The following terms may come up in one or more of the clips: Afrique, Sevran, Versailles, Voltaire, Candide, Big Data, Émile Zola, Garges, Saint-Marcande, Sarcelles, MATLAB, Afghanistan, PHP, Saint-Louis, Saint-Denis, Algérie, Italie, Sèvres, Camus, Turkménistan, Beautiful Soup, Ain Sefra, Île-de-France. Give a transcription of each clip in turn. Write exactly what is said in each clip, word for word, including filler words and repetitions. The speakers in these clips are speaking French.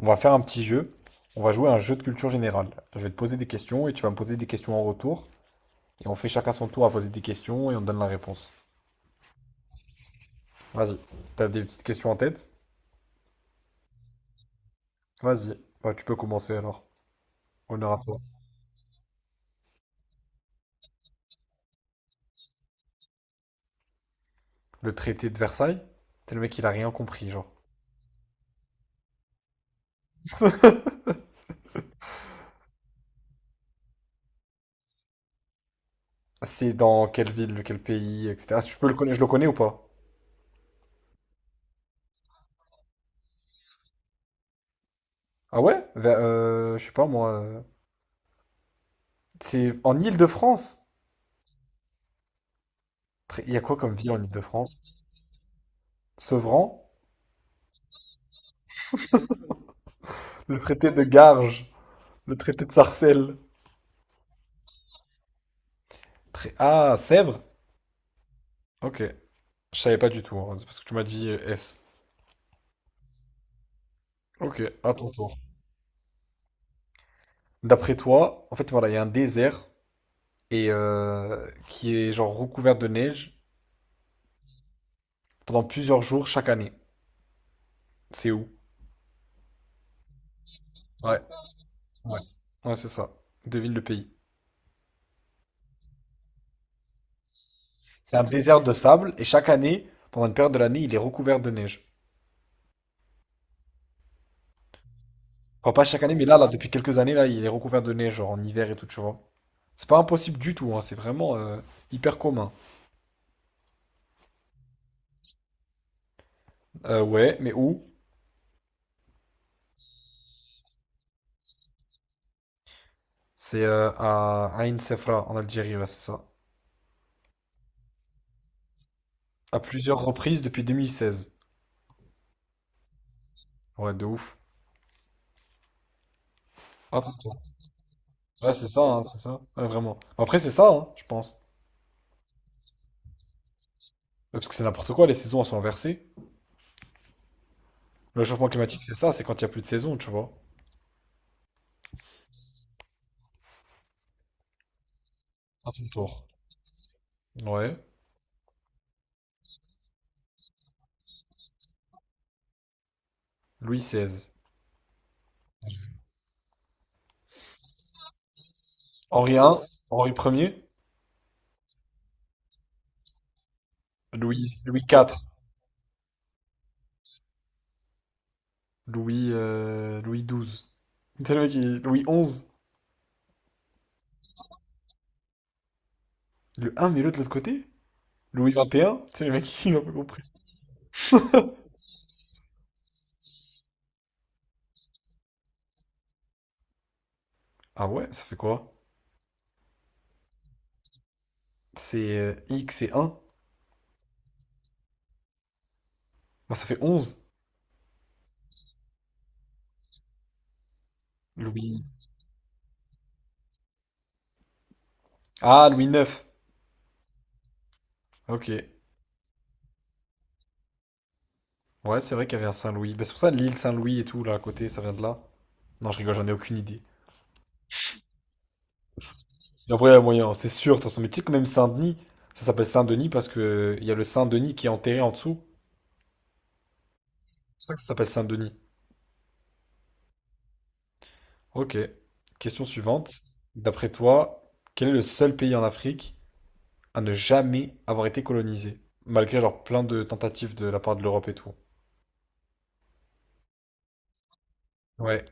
On va faire un petit jeu. On va jouer à un jeu de culture générale. Je vais te poser des questions et tu vas me poser des questions en retour. Et on fait chacun son tour à poser des questions et on donne la réponse. Vas-y. T'as des petites questions en tête? Vas-y. Bah, tu peux commencer alors. Honneur à toi. Le traité de Versailles? C'est le mec, il a rien compris, genre. C'est dans quelle ville, quel pays, et cetera. Je peux le connaître, je le connais ou pas? Ah ouais? Ver- euh, je sais pas moi. euh, C'est en Île-de-France. Tra- Il y a quoi comme ville en Île-de-France? Sevran? Le traité de Garges. Le traité de Sarcelles. Très- Ah, Sèvres? Ok. Je savais pas du tout, hein. C'est parce que tu m'as dit euh, S. Ok, à ton tour. D'après toi, en fait, voilà, il y a un désert et euh, qui est genre recouvert de neige pendant plusieurs jours chaque année. C'est où? Ouais, ouais. Ouais, c'est ça. Devine le pays. C'est un désert de sable et chaque année, pendant une période de l'année, il est recouvert de neige. Enfin, pas chaque année, mais là, là, depuis quelques années, là, il est recouvert de neige, genre en hiver et tout, tu vois. C'est pas impossible du tout, hein. C'est vraiment euh, hyper commun. Euh, ouais, mais où? C'est euh, à Ain Sefra en Algérie, ouais, c'est ça. À plusieurs reprises depuis deux mille seize. Ouais, de ouf. Attends, ouais, c'est ça, hein, c'est ça. Ouais, vraiment. Après, c'est ça, hein, je pense. Ouais, parce que c'est n'importe quoi, les saisons elles sont inversées. Le changement climatique, c'est ça, c'est quand il n'y a plus de saison, tu vois. À ton tour. Ouais. Louis seize. Henri premier, Henri premier. Louis, Louis quatre, Louis, euh, Louis douze. Tu sais, le mec, il- Louis onze. Le un mais l'autre de l'autre côté? Louis vingt et un? Tu sais, le mec, il m'a pas compris. Ah ouais, ça fait quoi? C'est euh, dix et un. Bon, ça fait onze. Louis. Ah, Louis neuf. Ok. Ouais, c'est vrai qu'il y avait un Saint-Louis. Bah, c'est pour ça l'île Saint-Louis et tout, là, à côté, ça vient de là. Non, je rigole, j'en ai aucune idée. Et après, il y a moyen, c'est sûr. De toute façon, mais tu sais que même Saint-Denis, ça s'appelle Saint-Denis parce que euh, il y a le Saint-Denis qui est enterré en dessous. C'est pour ça que ça s'appelle Saint-Denis. Ok. Question suivante. D'après toi, quel est le seul pays en Afrique à ne jamais avoir été colonisé? Malgré, genre, plein de tentatives de la part de l'Europe et tout. Ouais.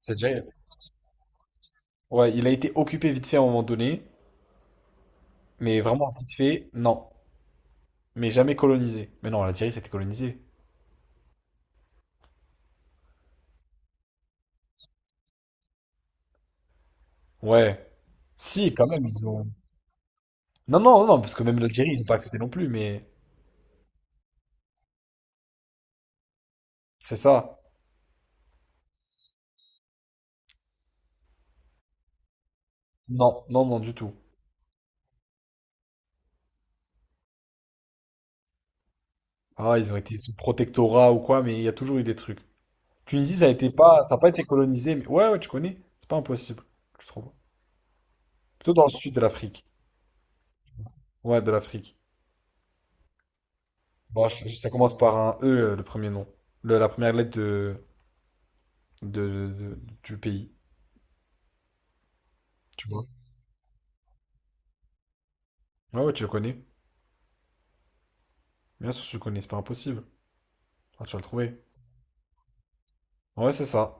C'est déjà... Ouais, il a été occupé vite fait à un moment donné, mais vraiment vite fait, non. Mais jamais colonisé. Mais non, l'Algérie, c'était colonisé. Ouais. Si, quand même, ils ont... Non, non, non, parce que même l'Algérie, ils ont pas accepté non plus, mais... C'est ça. Non, non, non, du tout. Ah, ils ont été sous protectorat ou quoi, mais il y a toujours eu des trucs. Tunisie, ça a été pas... Ça a pas été colonisé, mais... Ouais, ouais, tu connais. C'est pas impossible, je trouve. Plutôt dans le sud de l'Afrique. Ouais, de l'Afrique. Bon, je- ça commence par un E, euh, le premier nom. Le- la première lettre de, de, de- du pays. Ah ouais, tu le connais. Bien sûr, tu le connais, c'est pas impossible. Ah, tu vas le trouver. Ouais, c'est ça.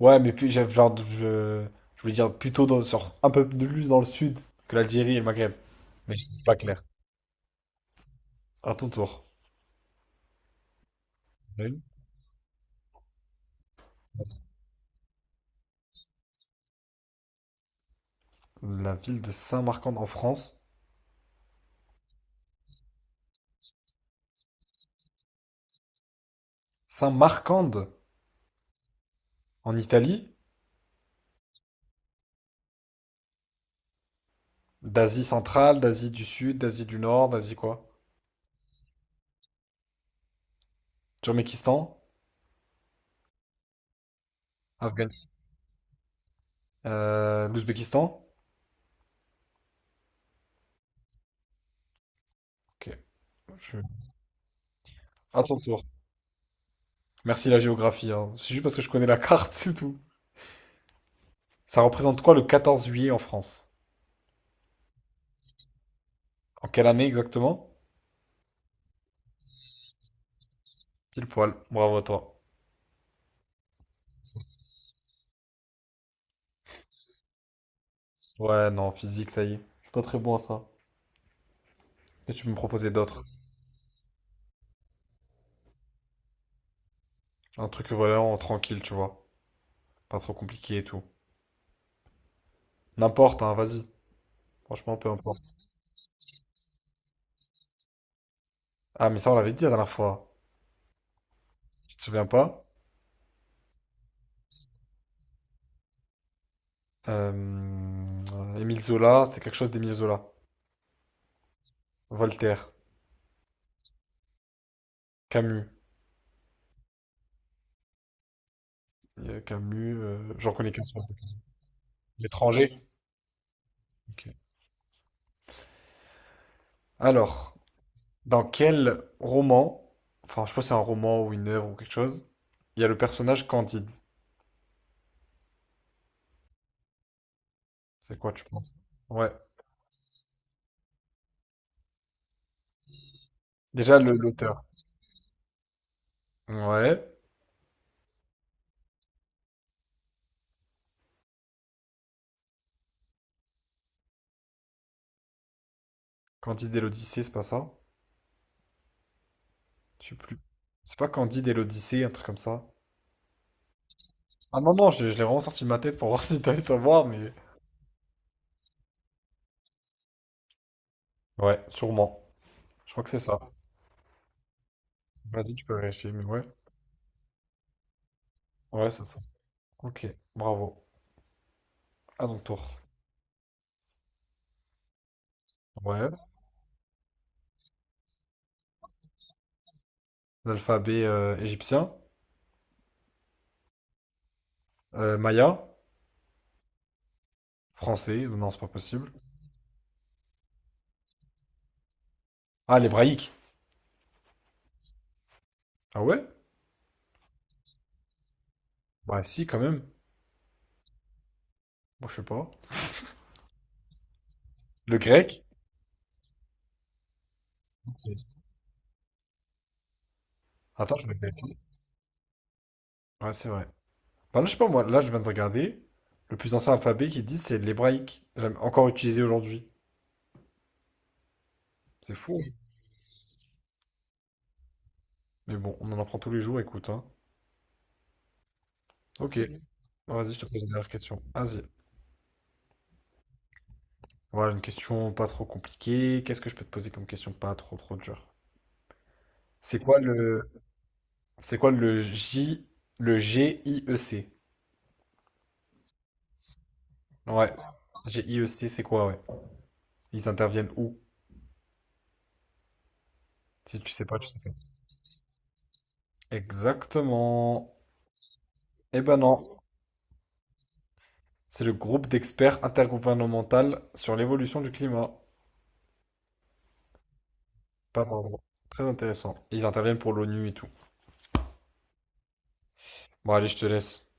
Ouais, mais puis j'avais genre, je, je voulais dire plutôt dans, sur un peu plus dans le sud que l'Algérie et le Maghreb. Mais je suis pas clair. À ton tour. Oui. Vas-y. La ville de Saint-Marcande en France. Saint-Marcande en Italie. D'Asie centrale, d'Asie du sud, d'Asie du nord, d'Asie quoi? Turkménistan. Afghanistan. Euh, L'Ouzbékistan. Ok. je- À ton tour. Merci la géographie, hein. C'est juste parce que je connais la carte, c'est tout. Ça représente quoi le quatorze juillet en France? En quelle année exactement? Pile poil. Bravo à toi. Ouais, non, physique, ça y est. Je suis pas très bon à ça. Et tu peux me proposer d'autres. Un truc vraiment tranquille, tu vois. Pas trop compliqué et tout. N'importe, hein, vas-y. Franchement, peu importe. Ah, mais ça, on l'avait dit la dernière fois. Tu te souviens pas? Euh, euh, Émile Zola, c'était quelque chose d'Émile Zola. Voltaire, Camus. Euh, Camus, euh, j'en connais qu'un seul. L'étranger. Ok. Alors, dans quel roman, enfin je sais pas si c'est un roman ou une œuvre ou quelque chose, il y a le personnage Candide. C'est quoi tu penses? Ouais. Déjà le l'auteur. Ouais. Candide et l'Odyssée, c'est pas ça? Je sais plus. C'est pas Candide et l'Odyssée, un truc comme ça. Ah non, non, je, je l'ai vraiment sorti de ma tête pour voir si t'allais savoir, mais. Ouais, sûrement. Je crois que c'est ça. Vas-y, tu peux vérifier, mais ouais. Ouais, c'est ça. Ok, bravo. À ton tour. Ouais. L'alphabet euh, égyptien. Euh, maya. Français. Non, c'est pas possible. Ah, l'hébraïque. Ah ouais? Bah si, quand même. Bon, je sais pas. Le grec? Attends, je vais vérifier. Ouais, c'est vrai. Bah là, je sais pas, moi, là, je viens de regarder. Le plus ancien alphabet qu'ils disent, c'est l'hébraïque. Jamais encore utilisé aujourd'hui. C'est fou, hein. Mais bon, on en apprend tous les jours, écoute, hein. Ok. Bah, vas-y, je te pose une dernière question. Vas-y. Voilà, une question pas trop compliquée. Qu'est-ce que je peux te poser comme question pas trop, trop dure? C'est quoi le... C'est quoi le J... Le G I E C. Ouais. G I E C c'est quoi, ouais? Ils interviennent où? Si tu sais pas, tu sais pas. Exactement. Eh ben non, c'est le groupe d'experts intergouvernemental sur l'évolution du climat. Pas vraiment. Très intéressant. Ils interviennent pour l'ONU et tout. Bon, allez, je te laisse.